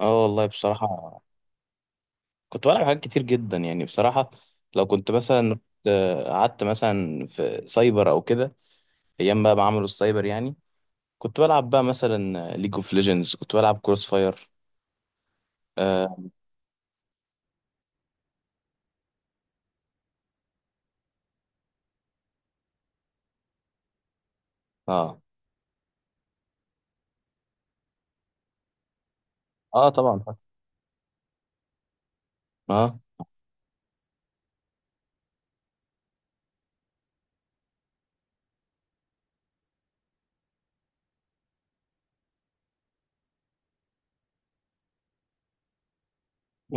اه والله بصراحة. كنت بلعب حاجات كتير جدا يعني بصراحة. لو كنت مثلا قعدت مثلا في سايبر او كده، ايام بقى ما عملوا السايبر يعني. كنت بلعب بقى مثلا ليج اوف ليجندز، كنت بلعب كروس فاير. اه. اه. آه طبعا فاكر. اه.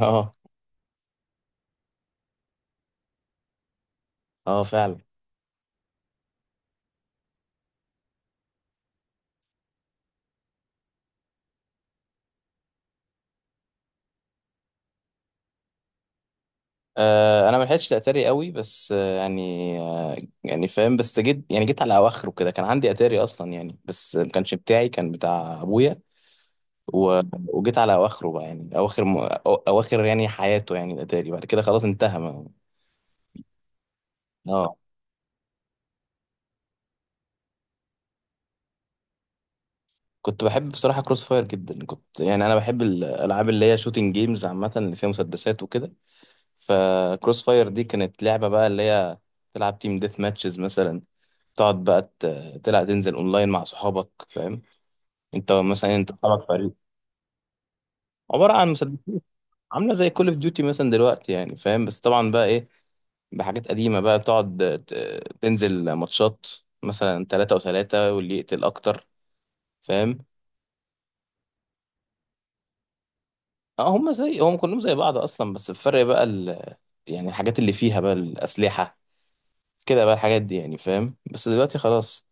اه. اه فعلا. آه انا ما لحقتش اتاري قوي، بس آه. يعني فاهم، بس جيت يعني على اواخره كده، كان عندي اتاري اصلا يعني، بس ما كانش بتاعي، كان بتاع ابويا. و... وجيت على اواخره بقى، يعني اواخر يعني حياته، يعني الاتاري بعد كده خلاص انتهى ما... اه. كنت بحب بصراحه كروس فاير جدا، كنت يعني انا بحب الالعاب اللي هي شوتنج جيمز عامه، اللي فيها مسدسات وكده. فكروس فاير دي كانت لعبه بقى اللي هي تلعب تيم ديث ماتشز مثلا. تقعد بقى تلعب، تنزل اونلاين مع صحابك، فاهم. انت مثلا، انت صحابك فريق. عباره عن مسدسات. عامله زي كول اوف ديوتي مثلا دلوقتي يعني، فاهم، بس طبعا بقى ايه، بحاجات قديمة بقى، تقعد تنزل ماتشات، مثلا تلاتة وتلاتة واللي يقتل أكتر، فاهم. اه، هما زي هم كلهم زي بعض أصلا، بس الفرق بقى يعني الحاجات اللي فيها بقى الأسلحة كده بقى، الحاجات دي يعني، فاهم، بس دلوقتي خلاص.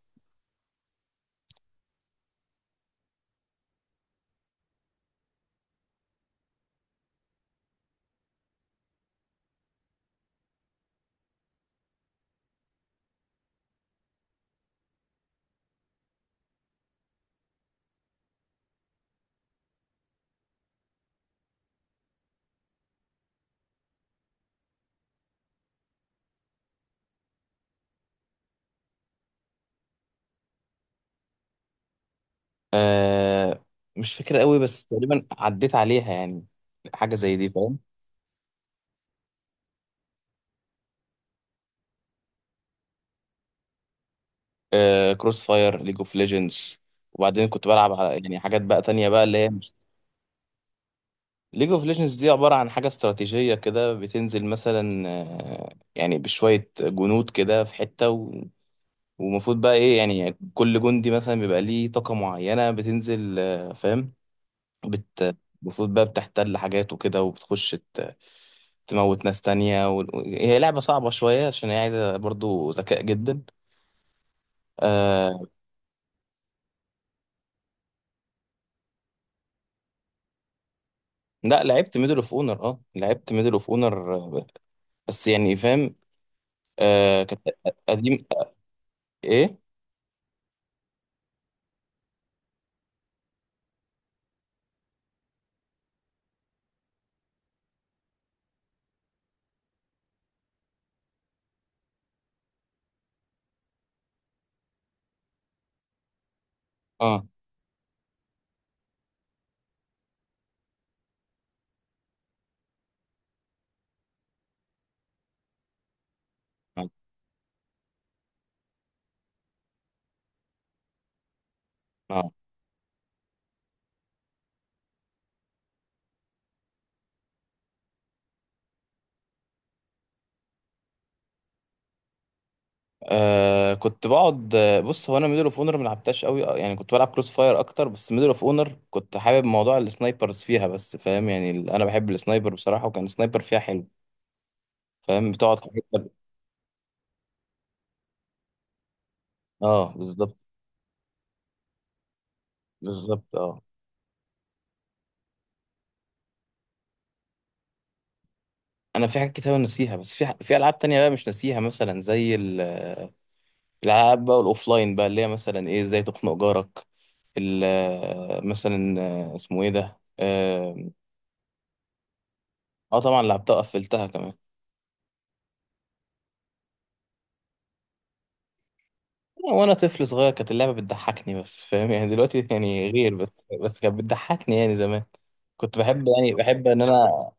آه مش فاكر قوي، بس تقريبا عديت عليها يعني. حاجة زي دي، فاهم. آه كروس فاير، ليج اوف ليجندز، وبعدين كنت بلعب على يعني حاجات بقى تانية بقى اللي هي مش... ليج اوف ليجندز دي عبارة عن حاجة استراتيجية كده، بتنزل مثلا يعني بشوية جنود كده في حتة. ومفروض بقى ايه، يعني كل جندي مثلا بيبقى ليه طاقة معينة بتنزل، فاهم. بت... المفروض بقى بتحتل حاجات وكده، وبتخش تموت ناس تانية، هي لعبة صعبة شوية، عشان هي عايزة برضو ذكاء جدا. آه... لا لعبت ميدل اوف اونر، اه لعبت ميدل اوف اونر، بس يعني فاهم. كانت قديم. ايه. اه آه. آه. آه كنت بقعد، بص، هو انا ميدل اوف اونر ما لعبتهاش قوي، يعني كنت بلعب كروس فاير اكتر، بس ميدل اوف اونر كنت حابب موضوع السنايبرز فيها، بس فاهم يعني انا بحب السنايبر بصراحه، وكان السنايبر فيها حلو، فاهم. بتقعد في حته. اه بالظبط. بالظبط اه. انا في حاجات كتير أوي ناسيها، بس في في العاب تانية بقى مش ناسيها، مثلا زي الالعاب بقى الاوفلاين بقى، اللي هي مثلا ايه، ازاي تخنق جارك. مثلا اسمه ايه ده، اه. آه، طبعا لعبتها، قفلتها كمان. وانا طفل صغير كانت اللعبه بتضحكني، بس فاهم يعني دلوقتي يعني غير، بس كانت بتضحكني يعني زمان. كنت بحب، يعني بحب ان انا.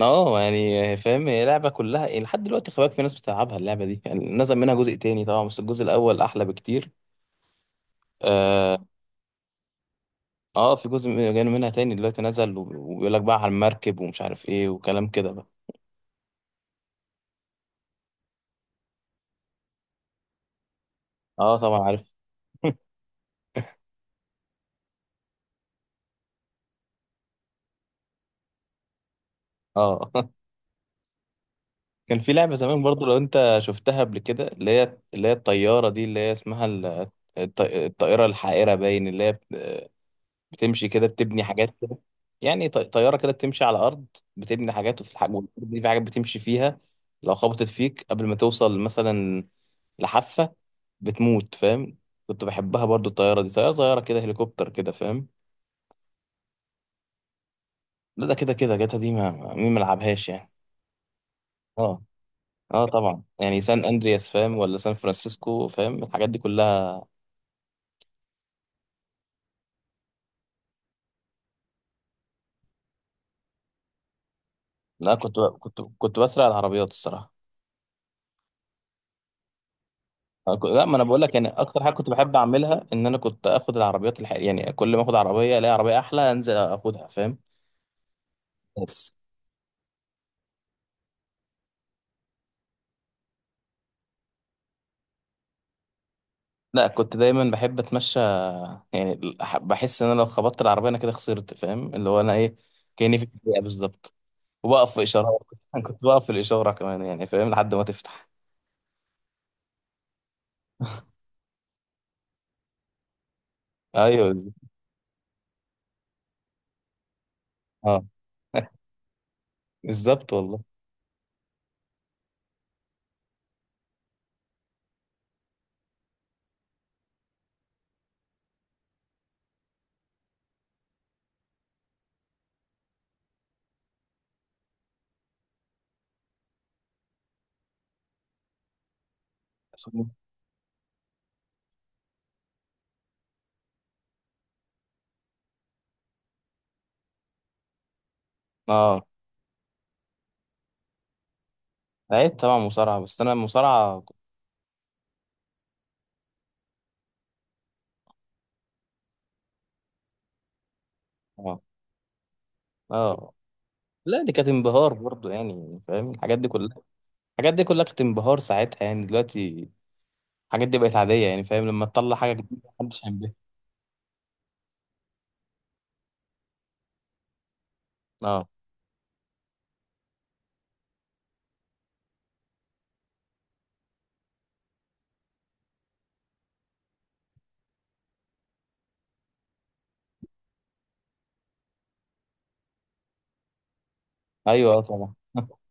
اه يعني فاهم، هي لعبه كلها يعني لحد دلوقتي، خباك في ناس بتلعبها اللعبه دي يعني، نزل منها جزء تاني طبعا، بس الجزء الاول احلى بكتير. اه. آه، في جزء جاي منها تاني دلوقتي، نزل وبيقول لك بقى على المركب ومش عارف ايه وكلام كده بقى. اه طبعا عارف. اه. كان في لعبة زمان برضو، لو انت شفتها قبل كده، اللي هي الطيارة دي، اللي هي اسمها الطائرة الحائرة باين، اللي هي بتمشي كده بتبني حاجات كده. يعني طيارة كده بتمشي على الأرض، بتبني حاجات، وفي الحاجة دي في حاجات بتمشي فيها، لو خبطت فيك قبل ما توصل مثلا لحافة بتموت، فاهم. كنت بحبها برضو، الطيارة دي طيارة صغيرة كده، هليكوبتر كده، فاهم. لا ده كده كده، جاتا دي مين ملعبهاش يعني. اه. اه طبعا، يعني سان اندرياس فاهم، ولا سان فرانسيسكو فاهم، الحاجات دي كلها. لا كنت كنت بسرق العربيات الصراحه. لا، ما انا بقول لك يعني، اكتر حاجه كنت بحب اعملها ان انا كنت اخد العربيات يعني كل ما اخد عربيه الاقي عربيه احلى انزل اخدها، فاهم. بس لا، كنت دايما بحب اتمشى. يعني بحس ان انا لو خبطت العربيه انا كده خسرت، فاهم، اللي هو انا ايه، كاني في الدقيقه بالظبط. وبقف في اشارات. كنت بقف في الاشاره كمان يعني، فاهم، لحد ما تفتح. ايوه بالظبط. اه. بالظبط. والله. اه لعبت طبعا مصارعة، بس انا المصارعة كنت. اه. اه. لا دي كانت انبهار برضو يعني، فاهم، الحاجات دي كلها. الحاجات دي كلها كانت انبهار ساعتها، يعني دلوقتي الحاجات دي بقت عادية يعني، فاهم، لما تطلع حاجة جديدة محدش هينبهر. اه. ايوه. اه طبعا.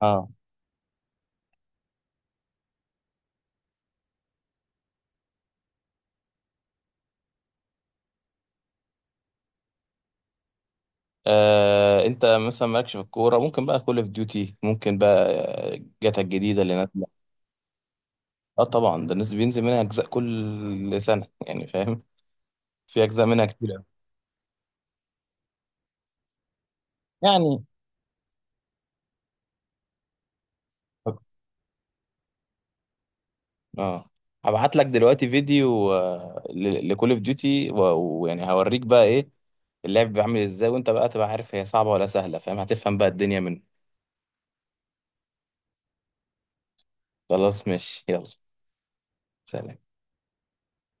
اه. آه، انت مثلا مالكش في الكورة، ممكن بقى كول اوف ديوتي، ممكن بقى جاتا الجديدة اللي نازلة. اه طبعا، ده الناس بينزل منها اجزاء كل سنة يعني، فاهم. في اجزاء منها كتير أوي. يعني اه، هبعت لك دلوقتي فيديو لكول اوف ديوتي، ويعني هوريك بقى ايه، اللعب بيعمل ازاي، وانت بقى تبقى عارف هي صعبة ولا سهلة، فاهم، هتفهم بقى الدنيا منه. خلاص ماشي، يلا. سلام.